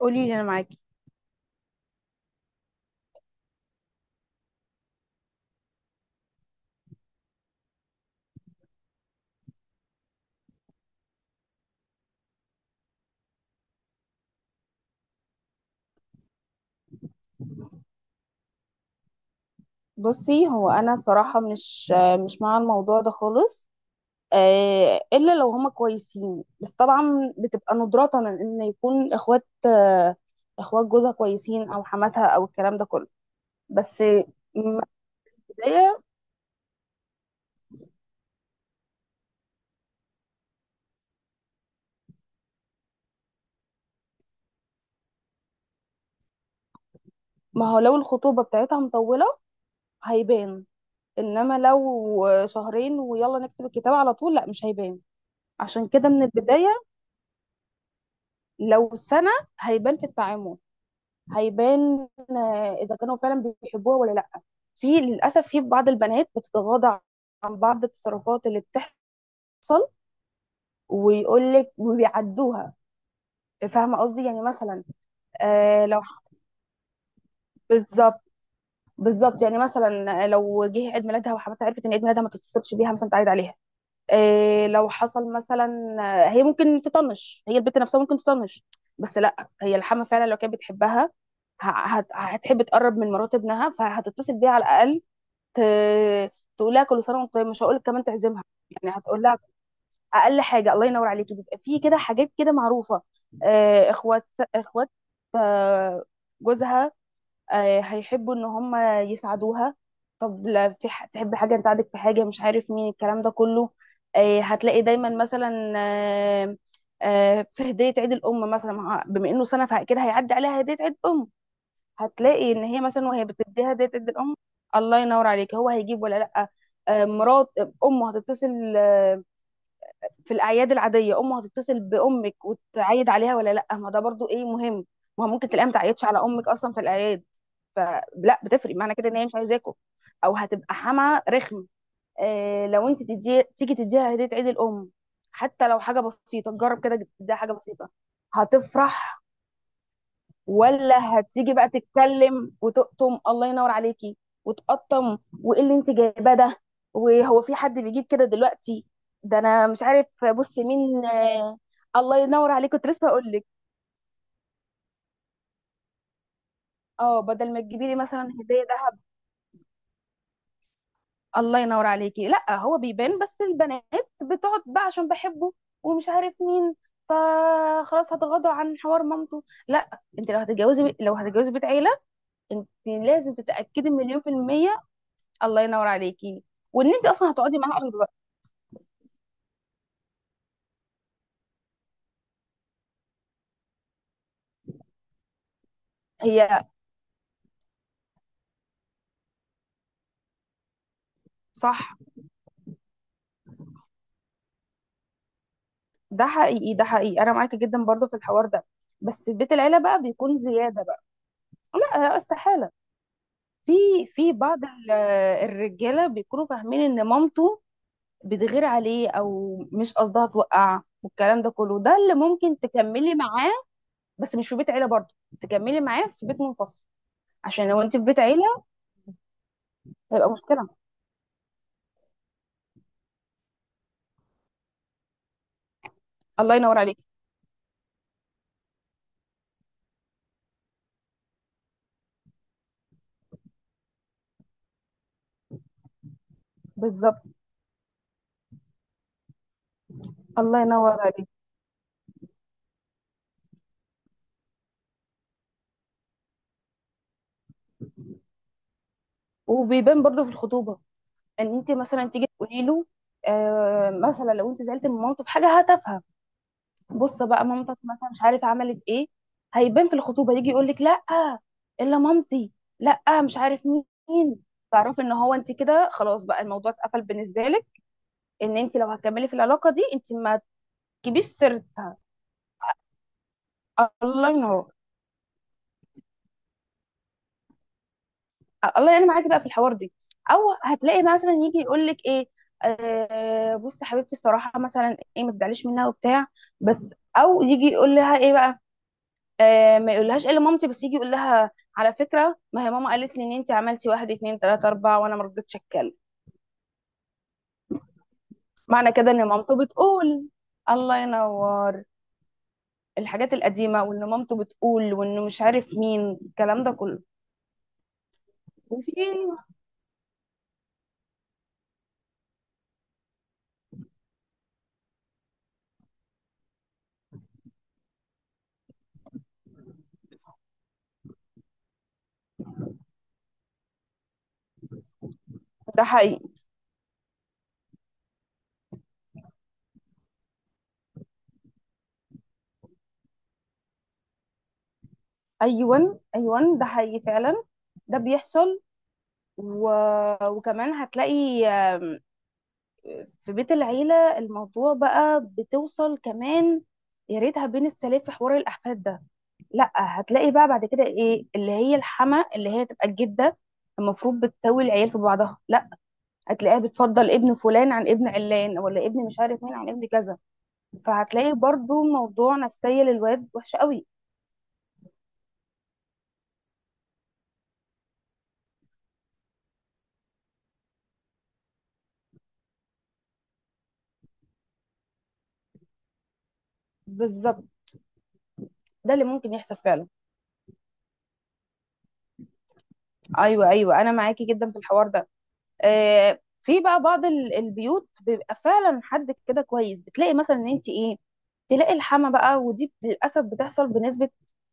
قولي لي انا معاكي. بصي، هو انا صراحه مش مع الموضوع ده خالص. الا لو هما كويسين، بس طبعا بتبقى ندرة ان يكون اخوات اخوات جوزها كويسين، او حماتها، او الكلام ده كله بس. من البدايه، ما هو لو الخطوبه بتاعتها مطوله هيبان. انما لو شهرين ويلا نكتب الكتاب على طول، لا مش هيبان. عشان كده من البدايه، لو سنه هيبان في التعامل. هيبان اذا كانوا فعلا بيحبوها ولا لا. في للاسف في بعض البنات بتتغاضى عن بعض التصرفات اللي بتحصل، ويقول لك وبيعدوها. فاهمه قصدي، يعني مثلا آه لو ح- بالظبط. بالظبط، يعني مثلا لو جه عيد ميلادها وحماتها عرفت ان عيد ميلادها، ما تتصلش بيها مثلا تعيد عليها. آه لو حصل مثلا هي ممكن تطنش، هي البنت نفسها ممكن تطنش. بس لا، هي الحما فعلا لو كانت بتحبها هتحب تقرب من مرات ابنها، فهتتصل بيها على الاقل، تقول لها كل سنه وانت طيب، مش هقول لك كمان تعزمها. يعني هتقول لها، اقل حاجه الله ينور عليكي. بيبقى في كده حاجات كده معروفه. آه، اخوات اخوات آه، جوزها، هيحبوا ان هم يساعدوها. طب لا، في تحب حاجه، نساعدك في حاجه، مش عارف مين، الكلام ده كله. هتلاقي دايما مثلا في هديه عيد الام مثلا، بما انه سنه فاكيد هيعدي عليها هديه عيد ام. هتلاقي ان هي مثلا، وهي بتديها، ديت ادي الام الله ينور عليك، هو هيجيب ولا لا. مرات امه هتتصل في الاعياد العاديه، امه هتتصل بامك وتعيد عليها ولا لا؟ ما ده برضو ايه مهم. ما هو ممكن تلاقيها ما تعيدش على امك اصلا في الاعياد، فلا بتفرق، معنى كده ان هي مش عايزاكم، او هتبقى حما رخم. لو انت تدي، تيجي تديها هديه عيد الام، حتى لو حاجه بسيطه، جرب كده تديها حاجه بسيطه هتفرح. ولا هتيجي بقى تتكلم وتقطم، الله ينور عليكي، وتقطم، وايه اللي انت جايباه ده، وهو في حد بيجيب كده دلوقتي، ده انا مش عارف. بص مين الله ينور عليك، كنت لسه اقول لك. اه بدل ما تجيبي لي مثلا هديه ذهب، الله ينور عليكي. لا هو بيبان، بس البنات بتقعد بقى عشان بحبه ومش عارف مين، فخلاص هتغاضى عن حوار مامته. لا، انت لو هتتجوزي، لو هتتجوزي بيت عيله، انت لازم تتاكدي مليون في المية. الله ينور عليكي، وان انت اصلا هتقعدي معاها قريب بقى. هي صح. ده حقيقي، ده حقيقي، انا معاكي جدا برضو في الحوار ده. بس بيت العيله بقى بيكون زياده بقى، لا استحاله. في في بعض الرجاله بيكونوا فاهمين ان مامته بتغير عليه، او مش قصدها توقع والكلام ده كله، ده اللي ممكن تكملي معاه. بس مش في بيت عيله برضو، تكملي معاه في بيت منفصل. عشان لو انت في بيت عيله هيبقى مشكله. الله ينور عليك، بالظبط، الله ينور عليك. وبيبان برضو في الخطوبه، ان انت مثلا تيجي تقولي له، مثلا لو انت زعلت من مامته في حاجه هتافهه. بص بقى مامتك مثلا مش عارف عملت ايه، هيبان في الخطوبه، يجي يقول لك لا، الا مامتي، لا، مش عارف مين. تعرفي ان هو، انت كده خلاص بقى، الموضوع اتقفل بالنسبه لك، ان انت لو هتكملي في العلاقه دي، انت ما تجيبيش سيرتها. الله ينور. الله يعين معاكي بقى في الحوار دي. او هتلاقي مثلا يجي يقول لك ايه، بصي حبيبتي الصراحه مثلا ايه، ما تزعليش منها وبتاع بس. او يجي يقول لها ايه بقى، ما يقولهاش الا مامتي، بس يجي يقول لها على فكره، ما هي ماما قالت لي ان انت عملتي واحد اتنين تلاته اربعه وانا ما رضيتش اتكلم. معنى كده ان مامته بتقول، الله ينور، الحاجات القديمه، وان مامته بتقول، وانه مش عارف مين، الكلام ده كله، وفين. ده حقيقي. ايوه ايوه ده حقيقي فعلا. ده بيحصل. و... وكمان هتلاقي في بيت العيلة الموضوع بقى بتوصل كمان. يا ريتها بين السلام في حوار الأحفاد ده. لا، هتلاقي بقى بعد كده، ايه اللي هي الحما اللي هي تبقى الجدة المفروض بتساوي العيال في بعضها، لا، هتلاقيها بتفضل ابن فلان عن ابن علان، ولا ابن مش عارف مين عن ابن كذا. فهتلاقي برضو موضوع نفسية للواد وحش قوي. بالظبط، ده اللي ممكن يحصل فعلا. ايوه ايوه، انا معاكي جدا في الحوار ده. في بقى بعض البيوت بيبقى فعلا حد كده كويس، بتلاقي مثلا ان انت ايه، تلاقي الحما بقى. ودي للاسف بتحصل بنسبه،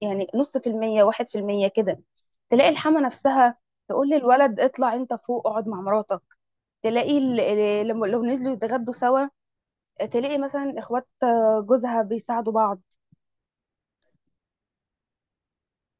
يعني نص في المية، واحد في المية كده. تلاقي الحما نفسها تقول للولد، اطلع انت فوق اقعد مع مراتك. تلاقي لما لو نزلوا يتغدوا سوا، تلاقي مثلا اخوات جوزها بيساعدوا بعض.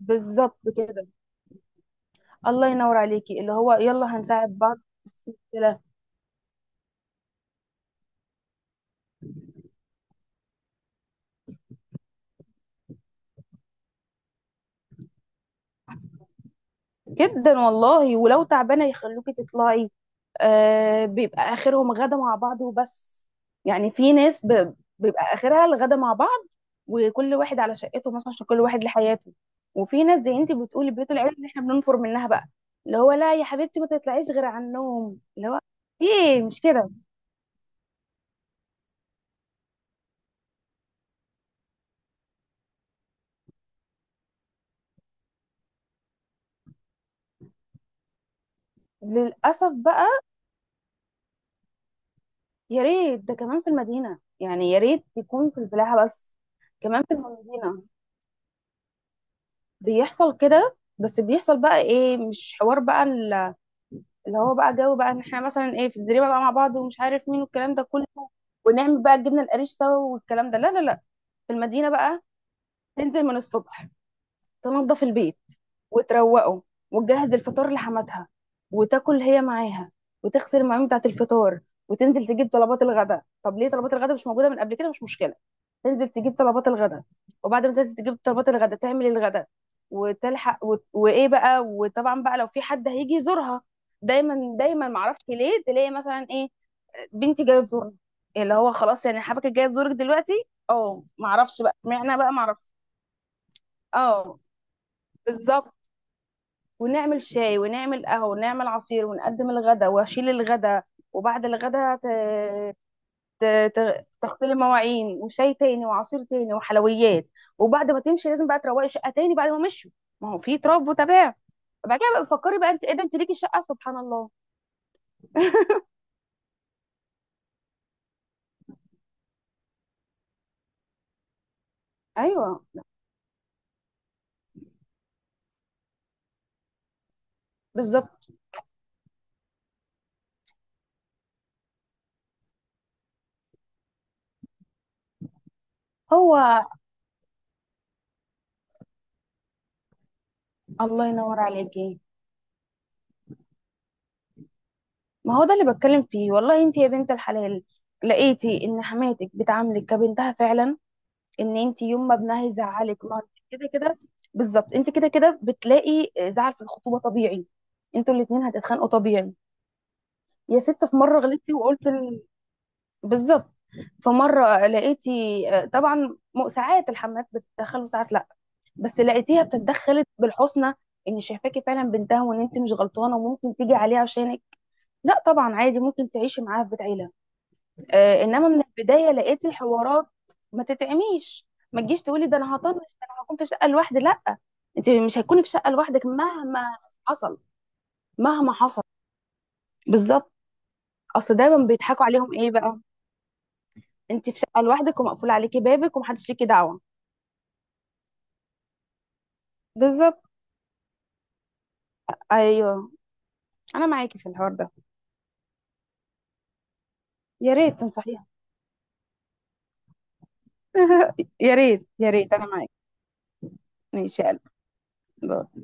بالظبط كده، الله ينور عليكي، اللي هو يلا هنساعد بعض. جدا والله، ولو تعبانة يخلوكي تطلعي. بيبقى آخرهم غدا مع بعض وبس. يعني في ناس بيبقى آخرها الغدا مع بعض. وكل واحد على شقته مثلا، عشان كل واحد لحياته. وفي ناس زي انت بتقولي بيوت العيلة اللي احنا بننفر منها بقى. اللي هو لا يا حبيبتي، ما تطلعيش غير على النوم، اللي هو ايه مش كده. للأسف بقى. يا ريت ده كمان في المدينة، يعني يا ريت يكون في الفلاحة بس. كمان في المدينة بيحصل كده، بس بيحصل بقى ايه، مش حوار بقى اللي هو بقى جو بقى، ان احنا مثلا ايه، في الزريبه بقى مع بعض، ومش عارف مين، والكلام ده كله، ونعمل بقى الجبنه القريش سوا والكلام ده. لا لا لا، في المدينه بقى تنزل من الصبح، تنضف البيت وتروقه، وتجهز الفطار لحماتها وتاكل هي معاها، وتغسل المواعين بتاعت الفطار. وتنزل تجيب طلبات الغداء، طب ليه طلبات الغداء مش موجوده من قبل كده؟ مش مشكله، تنزل تجيب طلبات الغداء، وبعد ما تنزل تجيب طلبات الغداء تعمل الغداء، وتلحق وايه بقى. وطبعا بقى لو في حد هيجي يزورها، دايما دايما معرفش ليه، تلاقي مثلا ايه، بنتي جايه تزورنا، اللي هو خلاص يعني حبك جايه تزورك دلوقتي، اه معرفش بقى اشمعنى بقى معرفش. اه بالظبط، ونعمل شاي ونعمل قهوة ونعمل عصير، ونقدم الغدا واشيل الغدا. وبعد الغدا ت... تغسلي المواعين، وشاي تاني وعصير تاني وحلويات. وبعد ما تمشي لازم بقى تروقي الشقة تاني بعد ما مشوا، ما هو في تراب وتباع. بعد كده بقى فكري بقى انت، ايه ده، انت ليكي الشقة؟ سبحان الله. ايوه، بالظبط. هو، الله ينور عليكي. ما هو ده اللي بتكلم فيه والله، انت يا بنت الحلال، لقيتي ان حماتك بتعاملك كبنتها فعلا، ان انت يوم ما ابنها يزعلك ما انت كده كده. بالظبط، انت كده كده بتلاقي زعل في الخطوبه طبيعي، انتوا الاتنين هتتخانقوا طبيعي. يا ست، في مره غلطتي وقلت بالظبط. فمره لقيتي طبعا، ساعات الحمات بتتدخل وساعات لا، بس لقيتيها بتتدخلت بالحسنى، ان شايفاكي فعلا بنتها، وان انت مش غلطانه وممكن تيجي عليها عشانك. لا طبعا، عادي ممكن تعيشي معاها في بيت عيله. انما من البدايه لقيت الحوارات ما تتعميش، ما تجيش تقولي ده انا هطنش، ده انا هكون في شقه لوحدي، لا انت مش هتكوني في شقه لوحدك مهما حصل، مهما حصل. بالظبط. اصل دايما بيضحكوا عليهم ايه بقى، انت في شقه لوحدك ومقفول عليكي بابك ومحدش ليكي دعوه. بالظبط، ايوه، انا معاكي في الحوار ده. يا ريت تنصحيها. يا ريت يا ريت، انا معاكي. ماشي يا قلبي.